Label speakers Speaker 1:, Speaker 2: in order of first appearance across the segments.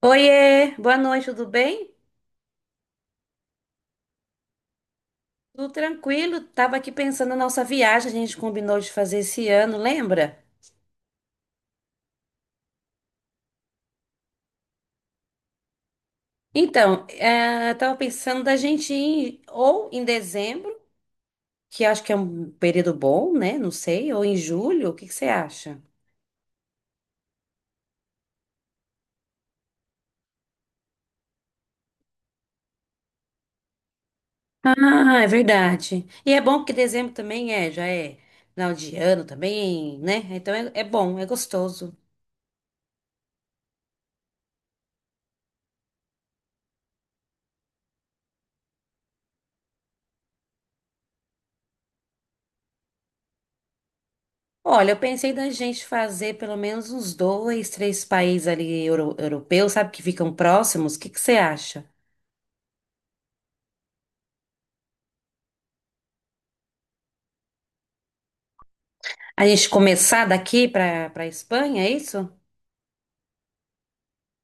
Speaker 1: Oiê, boa noite, tudo bem? Tudo tranquilo? Tava aqui pensando na nossa viagem, a gente combinou de fazer esse ano, lembra? Então, tava pensando da gente ir ou em dezembro, que acho que é um período bom, né? Não sei, ou em julho, o que que você acha? Ah, é verdade. E é bom porque dezembro também é, já é final de ano também, né? Então é, é bom, é gostoso. Olha, eu pensei da gente fazer pelo menos uns dois, três países ali europeus, sabe, que ficam próximos. O que que você acha? A gente começar daqui para Espanha, é isso?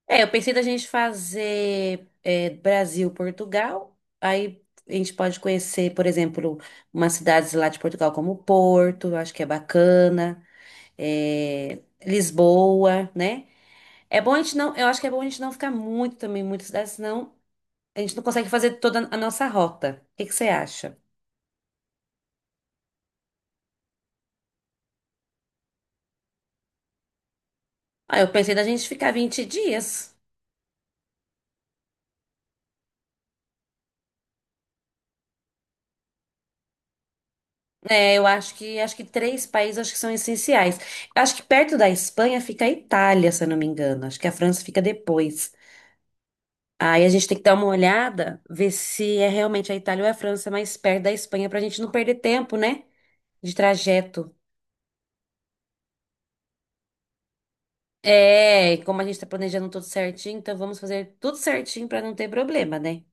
Speaker 1: É, eu pensei da gente fazer Brasil, Portugal. Aí a gente pode conhecer, por exemplo, umas cidades lá de Portugal como Porto, eu acho que é bacana. é, Lisboa, né? É bom a gente não, eu acho que é bom a gente não ficar muito também, em muitas cidades, senão a gente não consegue fazer toda a nossa rota. O que que você acha? Ah, eu pensei da gente ficar 20 dias. É, eu acho que três países acho que são essenciais. Eu acho que perto da Espanha fica a Itália, se eu não me engano. Acho que a França fica depois. Aí a gente tem que dar uma olhada, ver se é realmente a Itália ou a França mais perto da Espanha pra gente não perder tempo, né? De trajeto. É, e como a gente tá planejando tudo certinho, então vamos fazer tudo certinho pra não ter problema, né?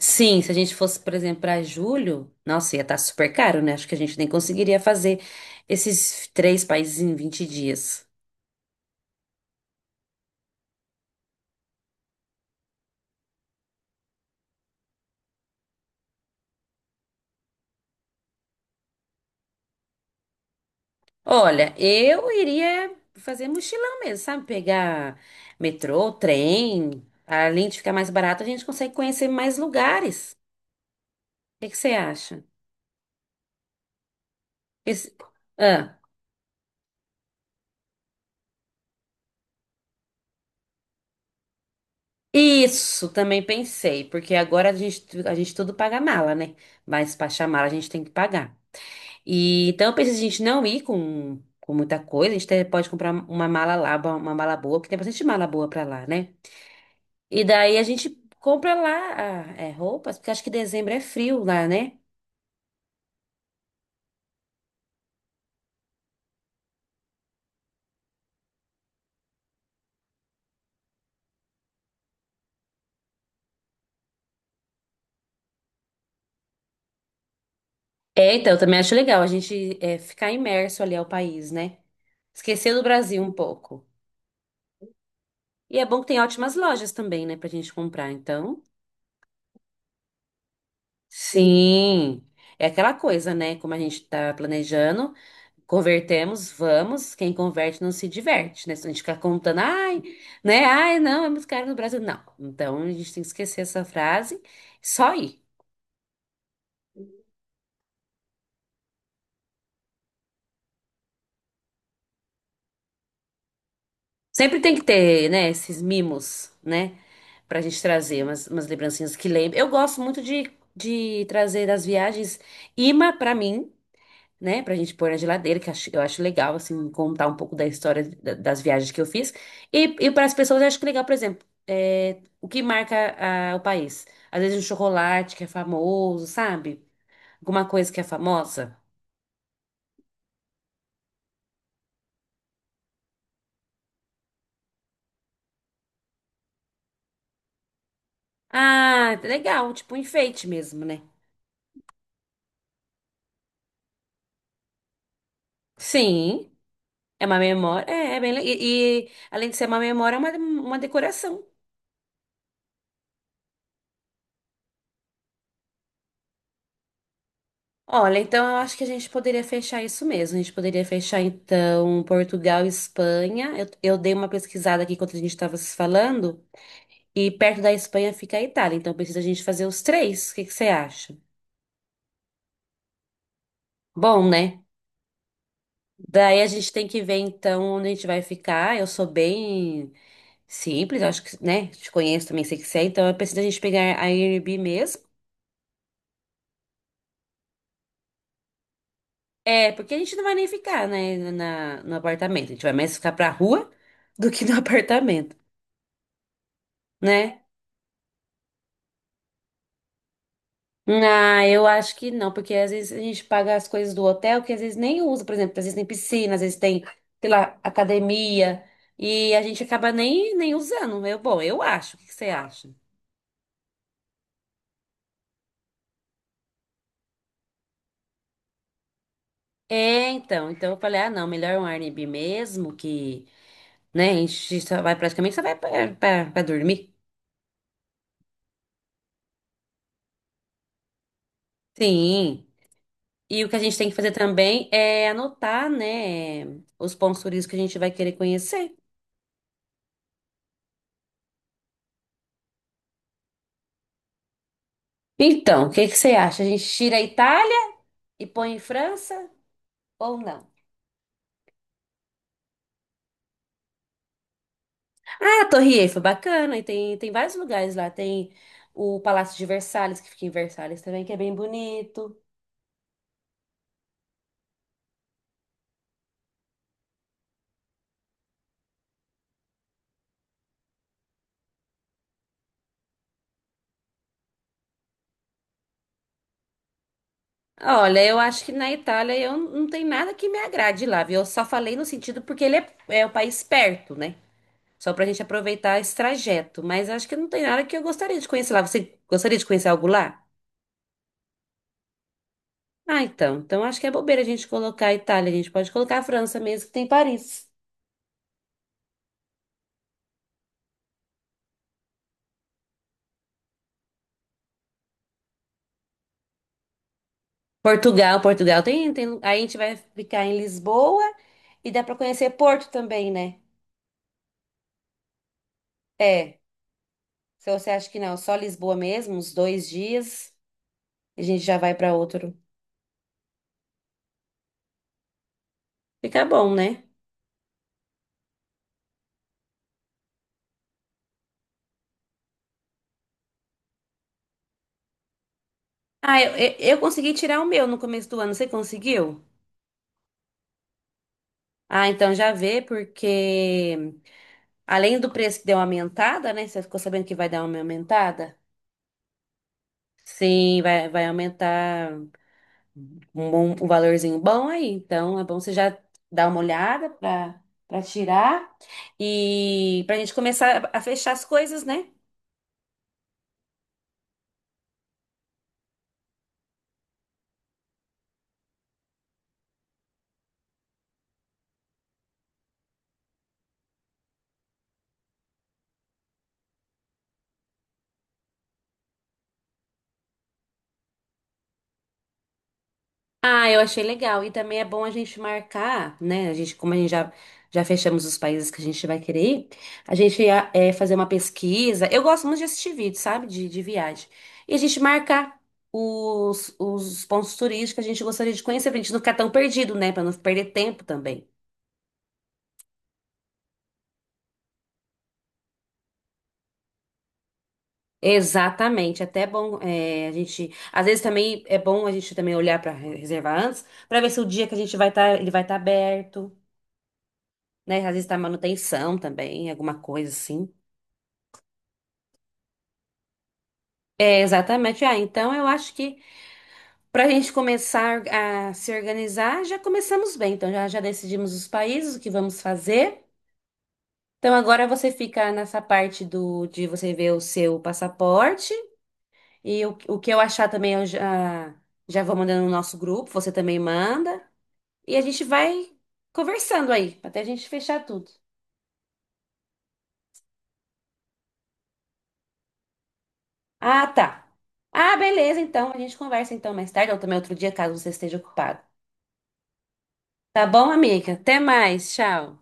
Speaker 1: Sim, se a gente fosse, por exemplo, para julho, nossa, ia estar super caro, né? Acho que a gente nem conseguiria fazer esses três países em 20 dias. Olha, eu iria fazer mochilão mesmo, sabe? Pegar metrô, trem. Além de ficar mais barato, a gente consegue conhecer mais lugares. O que que você acha? Esse- Ah, isso, também pensei, porque agora a gente tudo paga mala, né? Mas para chamar a gente tem que pagar. E então eu pensei a gente não ir com muita coisa, a gente até pode comprar uma mala lá, uma mala boa, porque tem bastante mala boa pra lá, né? E daí a gente compra lá roupas, porque acho que dezembro é frio lá, né? É, então, eu também acho legal a gente ficar imerso ali ao país, né? Esquecer do Brasil um pouco. E é bom que tem ótimas lojas também, né, pra gente comprar, então. Sim, é aquela coisa, né? Como a gente tá planejando, convertemos, vamos, quem converte não se diverte, né? Se a gente ficar contando, ai, né? Ai, não, é muito caro no Brasil. Não, então a gente tem que esquecer essa frase, só ir. Sempre tem que ter, né, esses mimos, né? Pra gente trazer umas lembrancinhas que lembram. Eu gosto muito de trazer das viagens imã pra mim. Né, pra gente pôr na geladeira, eu acho legal, assim, contar um pouco da história das viagens que eu fiz. E para as pessoas, eu acho que legal, por exemplo, o que marca o país. Às vezes um chocolate que é famoso, sabe? Alguma coisa que é famosa. Ah, legal, tipo um enfeite mesmo, né? Sim, é uma memória, é bem legal. E além de ser uma memória, é uma decoração. Olha, então eu acho que a gente poderia fechar isso mesmo. A gente poderia fechar, então, Portugal e Espanha. Eu dei uma pesquisada aqui enquanto a gente estava se falando, e perto da Espanha fica a Itália, então precisa a gente fazer os três. O que que você acha? Bom, né? Daí a gente tem que ver, então, onde a gente vai ficar. Eu sou bem simples, acho que, né? Te conheço também, sei que você é, então é preciso a gente pegar a Airbnb mesmo. É, porque a gente não vai nem ficar, né, no apartamento. A gente vai mais ficar pra rua do que no apartamento, né? Ah, eu acho que não, porque às vezes a gente paga as coisas do hotel que às vezes nem usa, por exemplo, às vezes tem piscina, às vezes tem, sei lá, academia, e a gente acaba nem usando. Eu, bom, eu acho. O que que você acha? É, então eu falei, ah, não, melhor um Airbnb mesmo, que, né, a gente só vai praticamente só vai pra dormir. Sim. E o que a gente tem que fazer também é anotar, né, os pontos turísticos que a gente vai querer conhecer. Então, o que que você acha? A gente tira a Itália e põe em França? Ou não. Ah, a Torre Eiffel, bacana. E tem vários lugares lá. Tem o Palácio de Versalhes, que fica em Versalhes também, que é bem bonito. Olha, eu acho que na Itália não tem nada que me agrade lá, viu? Eu só falei no sentido porque ele é o país perto, né? Só pra gente aproveitar esse trajeto. Mas acho que não tem nada que eu gostaria de conhecer lá. Você gostaria de conhecer algo lá? Ah, então. Então acho que é bobeira a gente colocar a Itália. A gente pode colocar a França mesmo, que tem Paris. Portugal, Portugal tem. Aí a gente vai ficar em Lisboa e dá para conhecer Porto também, né? É. Se você acha que não, só Lisboa mesmo, uns dois dias, a gente já vai para outro. Fica bom, né? Ah, eu consegui tirar o meu no começo do ano. Você conseguiu? Ah, então já vê, porque além do preço que deu uma aumentada, né? Você ficou sabendo que vai dar uma aumentada? Sim, vai aumentar. Um, um valorzinho bom aí. Então, é bom você já dar uma olhada para tirar e para a gente começar a fechar as coisas, né? Ah, eu achei legal. E também é bom a gente marcar, né? A gente, como a gente já fechamos os países que a gente vai querer ir, a gente ia, fazer uma pesquisa. Eu gosto muito de assistir vídeo, sabe? De viagem. E a gente marcar os pontos turísticos que a gente gostaria de conhecer, pra gente não ficar tão perdido, né? Pra não perder tempo também. Exatamente, até é bom a gente, às vezes também é bom a gente também olhar para reservar antes, para ver se o dia que a gente vai estar, ele vai estar aberto, né? Às vezes tá manutenção também, alguma coisa assim. É, exatamente. Ah, então eu acho que para a gente começar a se organizar, já começamos bem. Então já decidimos os países, o que vamos fazer. Então agora você fica nessa parte do de você ver o seu passaporte e o que eu achar também eu já vou mandando no nosso grupo, você também manda. E a gente vai conversando aí, até a gente fechar tudo. Ah, tá. Ah, beleza, então. A gente conversa então mais tarde ou também outro dia, caso você esteja ocupado. Tá bom, amiga? Até mais. Tchau.